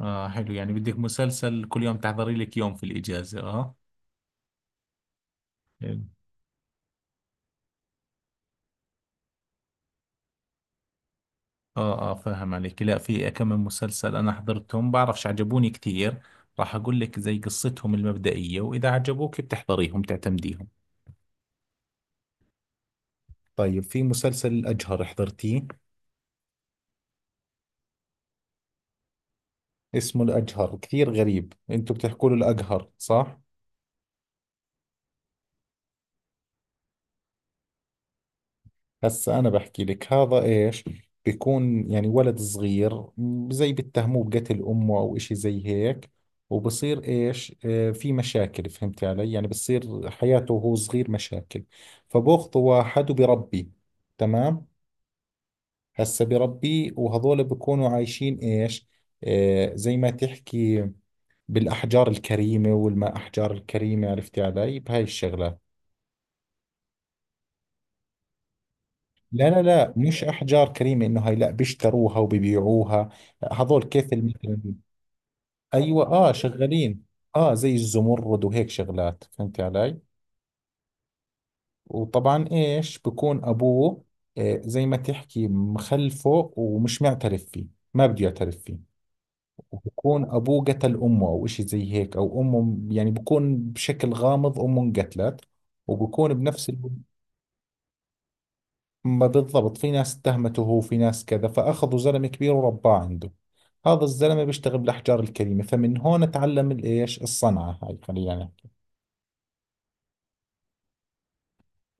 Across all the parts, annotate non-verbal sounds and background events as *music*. اه، حلو. يعني بدك مسلسل كل يوم تحضري لك يوم في الإجازة. اه، حلو. اه اه، فاهم عليك. لا، في كم من مسلسل انا حضرتهم بعرفش عجبوني كثير. راح اقول لك زي قصتهم المبدئية، واذا عجبوك بتحضريهم تعتمديهم. طيب، في مسلسل الأجهر، حضرتيه؟ اسمه الأجهر، كثير غريب، انتوا بتحكوا له الأجهر صح؟ هسا أنا بحكي لك هذا إيش. بيكون يعني ولد صغير زي بيتهموه بقتل أمه أو إشي زي هيك. وبصير إيش، في مشاكل، فهمتي علي؟ يعني بصير حياته وهو صغير مشاكل، فبأخذه واحد وبربيه. تمام. هسا بربيه، وهذول بيكونوا عايشين إيش. زي ما تحكي بالأحجار الكريمة والما أحجار الكريمة، عرفتي علي بهاي الشغلات. لا لا لا، مش احجار كريمه انه هاي، لا بيشتروها وبيبيعوها. لا، هذول كيف مثلا. ايوه اه، شغالين. اه، زي الزمرد وهيك شغلات، فهمت علي. وطبعا ايش بكون ابوه. زي ما تحكي مخلفه ومش معترف فيه، ما بده يعترف فيه. وبكون ابوه قتل امه او اشي زي هيك، او امه يعني بكون بشكل غامض امه انقتلت، وبكون بنفس الوقت. ما بالضبط، في ناس اتهمته هو، في ناس كذا، فأخذوا زلمة كبير ورباه عنده. هذا الزلمة بيشتغل بالأحجار الكريمة، فمن هون تعلم الإيش الصنعة هاي خلينا نحكي.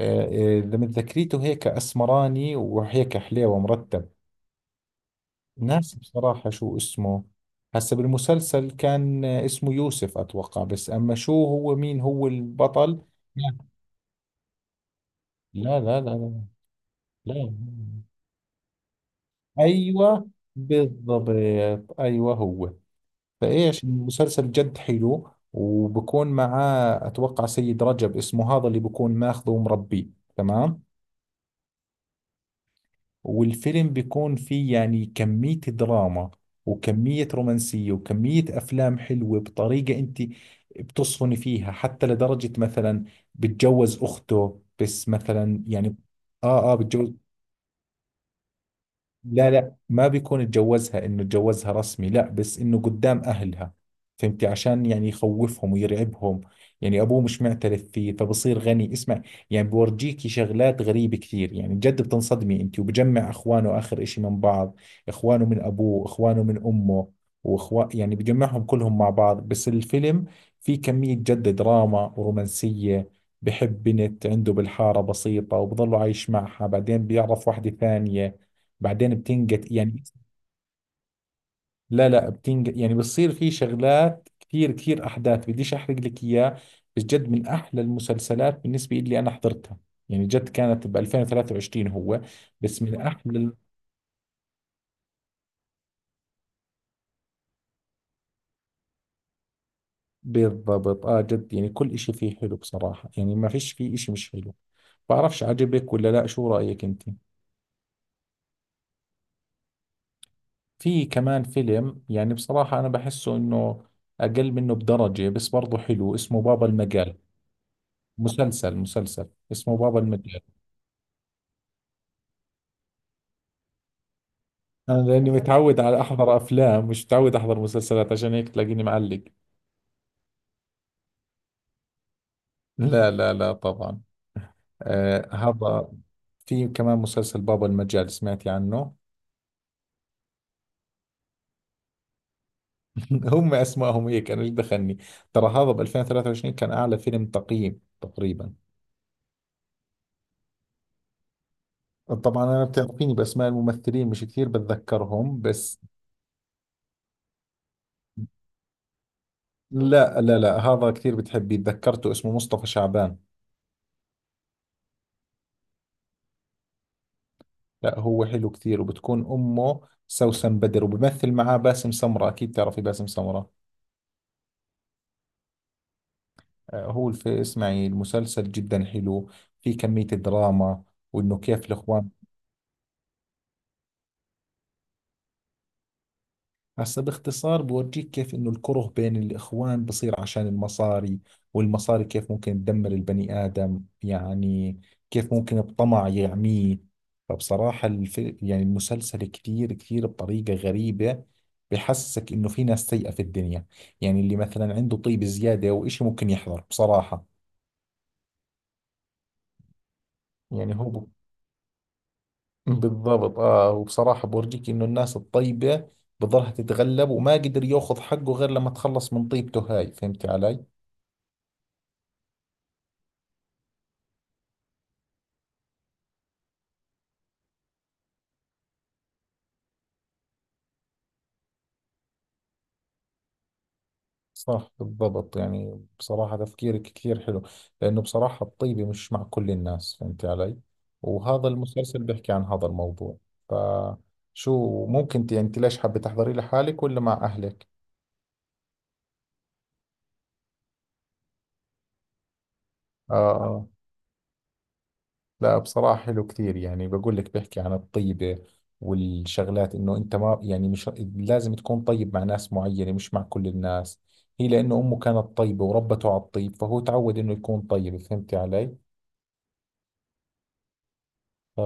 آه، لما ذكريته هيك أسمراني وهيك حليوة مرتب ناس، بصراحة شو اسمه. هسا بالمسلسل كان اسمه يوسف أتوقع، بس أما شو هو، مين هو البطل. لا لا لا لا، لا. لا. أيوة، بالضبط. أيوة هو. فايش المسلسل جد حلو، وبكون معاه اتوقع سيد رجب، اسمه هذا اللي بكون ماخذه ومربيه. تمام. والفيلم بيكون فيه يعني كمية دراما وكمية رومانسية وكمية افلام حلوة بطريقة انت بتصفني فيها. حتى لدرجة مثلا بتجوز اخته، بس مثلا يعني. اه اه، بتجوز. لا لا، ما بيكون اتجوزها انه اتجوزها رسمي، لا بس انه قدام اهلها، فهمتي، عشان يعني يخوفهم ويرعبهم. يعني ابوه مش معترف فيه، فبصير غني، اسمع. يعني بورجيكي شغلات غريبة كثير، يعني جد بتنصدمي انت، وبجمع اخوانه اخر اشي من بعض. اخوانه من ابوه اخوانه من امه، واخوان يعني بجمعهم كلهم مع بعض. بس الفيلم في كمية جد دراما ورومانسية. بحب بنت عنده بالحارة بسيطة، وبضله عايش معها، بعدين بيعرف واحدة ثانية، بعدين بتنقت يعني. لا لا، بتنقت يعني بتصير في شغلات كثير كثير احداث، بديش احرق لك اياه. بس جد من احلى المسلسلات بالنسبه لي انا حضرتها. يعني جد كانت ب 2023 هو، بس من احلى بالضبط. اه جد، يعني كل اشي فيه حلو بصراحه، يعني ما فيش فيه اشي مش حلو. بعرفش عجبك ولا لا، شو رايك انت؟ في كمان فيلم، يعني بصراحه انا بحسه انه اقل منه بدرجه، بس برضه حلو، اسمه بابا المجال. مسلسل، اسمه بابا المجال. انا لاني متعود على احضر افلام، مش متعود احضر مسلسلات، عشان هيك تلاقيني معلق. لا لا لا، طبعا. آه، هذا. في كمان مسلسل بابا المجال، سمعتي عنه؟ *laughs* هم اسمائهم هيك، انا ايش دخلني. ترى هذا ب 2023 كان اعلى فيلم تقييم تقريبا. طبعا انا بتعرفيني باسماء الممثلين مش كثير بتذكرهم، بس لا لا لا، هذا كثير بتحبيه. تذكرته، اسمه مصطفى شعبان. لا هو حلو كثير، وبتكون امه سوسن بدر، وبمثل معاه باسم سمرة، اكيد تعرفي باسم سمرة. اسمعي المسلسل جدا حلو، في كمية الدراما، وإنه كيف الإخوان. هسا باختصار بورجيك كيف إنه الكره بين الإخوان بصير عشان المصاري، والمصاري كيف ممكن تدمر البني آدم، يعني كيف ممكن الطمع يعميه. فبصراحة يعني المسلسل كثير كثير بطريقة غريبة، بحسسك إنه في ناس سيئة في الدنيا. يعني اللي مثلا عنده طيب زيادة أو إشي، ممكن يحضر بصراحة، يعني هو. بالضبط اه. وبصراحة بورجيك انه الناس الطيبة بضلها تتغلب، وما قدر ياخذ حقه غير لما تخلص من طيبته هاي، فهمت علي؟ صح، بالضبط. يعني بصراحة تفكيرك كثير حلو، لأنه بصراحة الطيبة مش مع كل الناس، فهمت علي؟ وهذا المسلسل بيحكي عن هذا الموضوع. فشو ممكن يعني انت ليش حابة تحضري لحالك ولا مع أهلك؟ اه آه. لا بصراحة حلو كثير، يعني بقول لك بحكي عن الطيبة والشغلات، انه انت ما يعني مش لازم تكون طيب مع ناس معينة، مش مع كل الناس. هي لانه امه كانت طيبة وربته على الطيب، فهو تعود انه يكون طيب، فهمتي علي؟ ف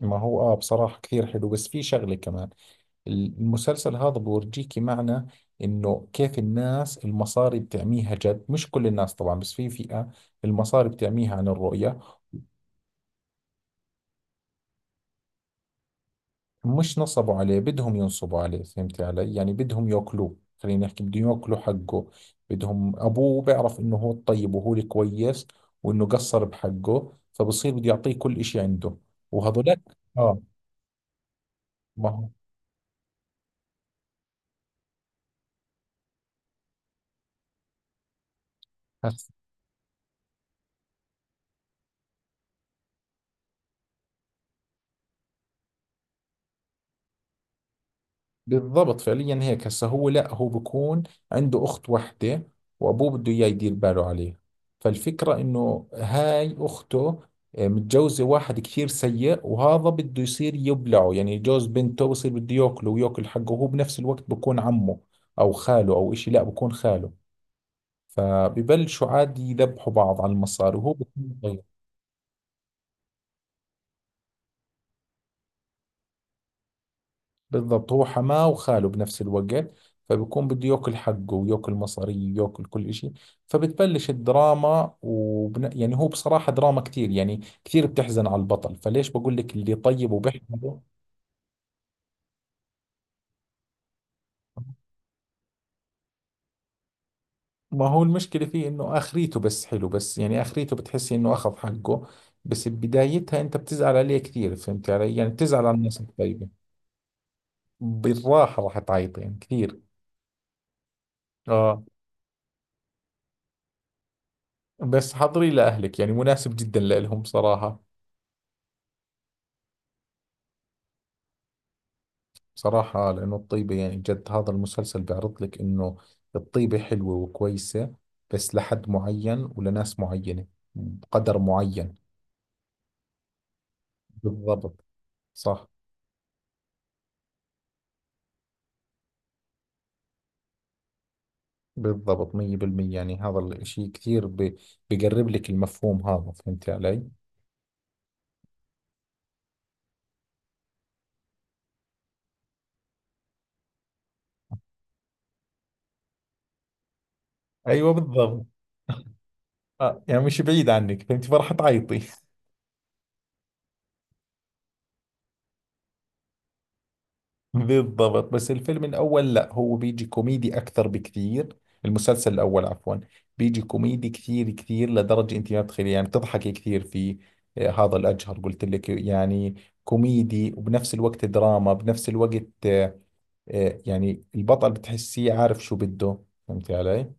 ما هو اه، بصراحة كثير حلو. بس في شغلة كمان، المسلسل هذا بورجيكي معنى انه كيف الناس المصاري بتعميها، جد مش كل الناس طبعا، بس في فئة المصاري بتعميها عن الرؤية. مش نصبوا عليه، بدهم ينصبوا عليه، فهمتي علي؟ يعني بدهم ياكلوه خلينا نحكي، بدهم ياكلوا حقه. بدهم ابوه بيعرف انه هو الطيب وهو الكويس، وانه قصر بحقه، فبصير بده يعطيه كل اشي عنده، وهذولك. اه ما هو. بالضبط، فعليا هيك، هسا هو لا هو بكون عنده أخت وحدة، وأبوه بده إياه يدير باله عليه. فالفكرة إنه هاي أخته متجوزة واحد كثير سيء، وهذا بده يصير يبلعه. يعني جوز بنته بصير بده ياكله وياكل حقه، وهو بنفس الوقت بكون عمه أو خاله أو إشي، لا بكون خاله. فببلشوا عادي يذبحوا بعض على المصاري، وهو بكون بالضبط هو حماه وخاله بنفس الوقت. فبيكون بده ياكل حقه وياكل مصاري وياكل كل إشي. فبتبلش الدراما يعني هو بصراحة دراما كتير، يعني كتير بتحزن على البطل. فليش بقول لك اللي طيب وبيحمله. ما هو المشكلة فيه إنه آخريته، بس حلو، بس يعني آخريته بتحسي إنه أخذ حقه. بس بدايتها أنت بتزعل عليه كثير، فهمت علي؟ يعني بتزعل على الناس الطيبة. بالراحة راح تعيطي يعني كثير. آه، بس حضري لأهلك، يعني مناسب جدا لإلهم صراحة. صراحة لأنه الطيبة، يعني جد هذا المسلسل بيعرض لك إنه الطيبة حلوة وكويسة، بس لحد معين ولناس معينة، بقدر معين. بالضبط، صح. بالضبط مية بالمية، يعني هذا الإشي كثير بقرب لك المفهوم هذا، فهمت علي؟ أيوة، بالضبط. يعني مش بعيد عنك، فهمت فرح تعيطي *laughs* بالضبط، بس الفيلم الأول، لا هو بيجي كوميدي أكثر بكثير. المسلسل الأول عفوا، بيجي كوميدي كثير كثير لدرجة أنت ما بتخيلي، يعني بتضحكي كثير في. هذا الأجهر قلت لك، يعني كوميدي وبنفس الوقت دراما بنفس الوقت. يعني البطل بتحسيه عارف شو بده، فهمتي علي؟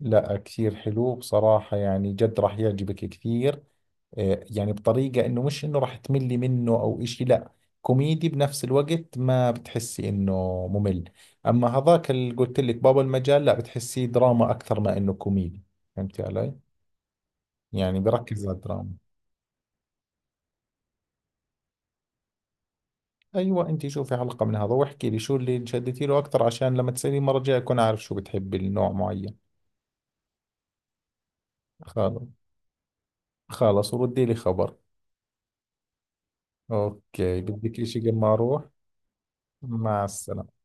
لا كثير حلو بصراحة، يعني جد راح يعجبك كثير. يعني بطريقة انه مش انه راح تملي منه او اشي، لا كوميدي بنفس الوقت، ما بتحسي انه ممل. اما هذاك اللي قلت لك بابا المجال، لا بتحسيه دراما اكثر ما انه كوميدي، فهمتي علي، يعني بركز على الدراما. ايوه، انت شوفي حلقة من هذا واحكي لي شو اللي انشدتي له اكثر، عشان لما تسالي المرة الجاية اكون عارف شو بتحبي النوع معين. خلاص. خلاص، وردي لي خبر. اوكي، بدك اشي قبل ما اروح؟ مع السلامة.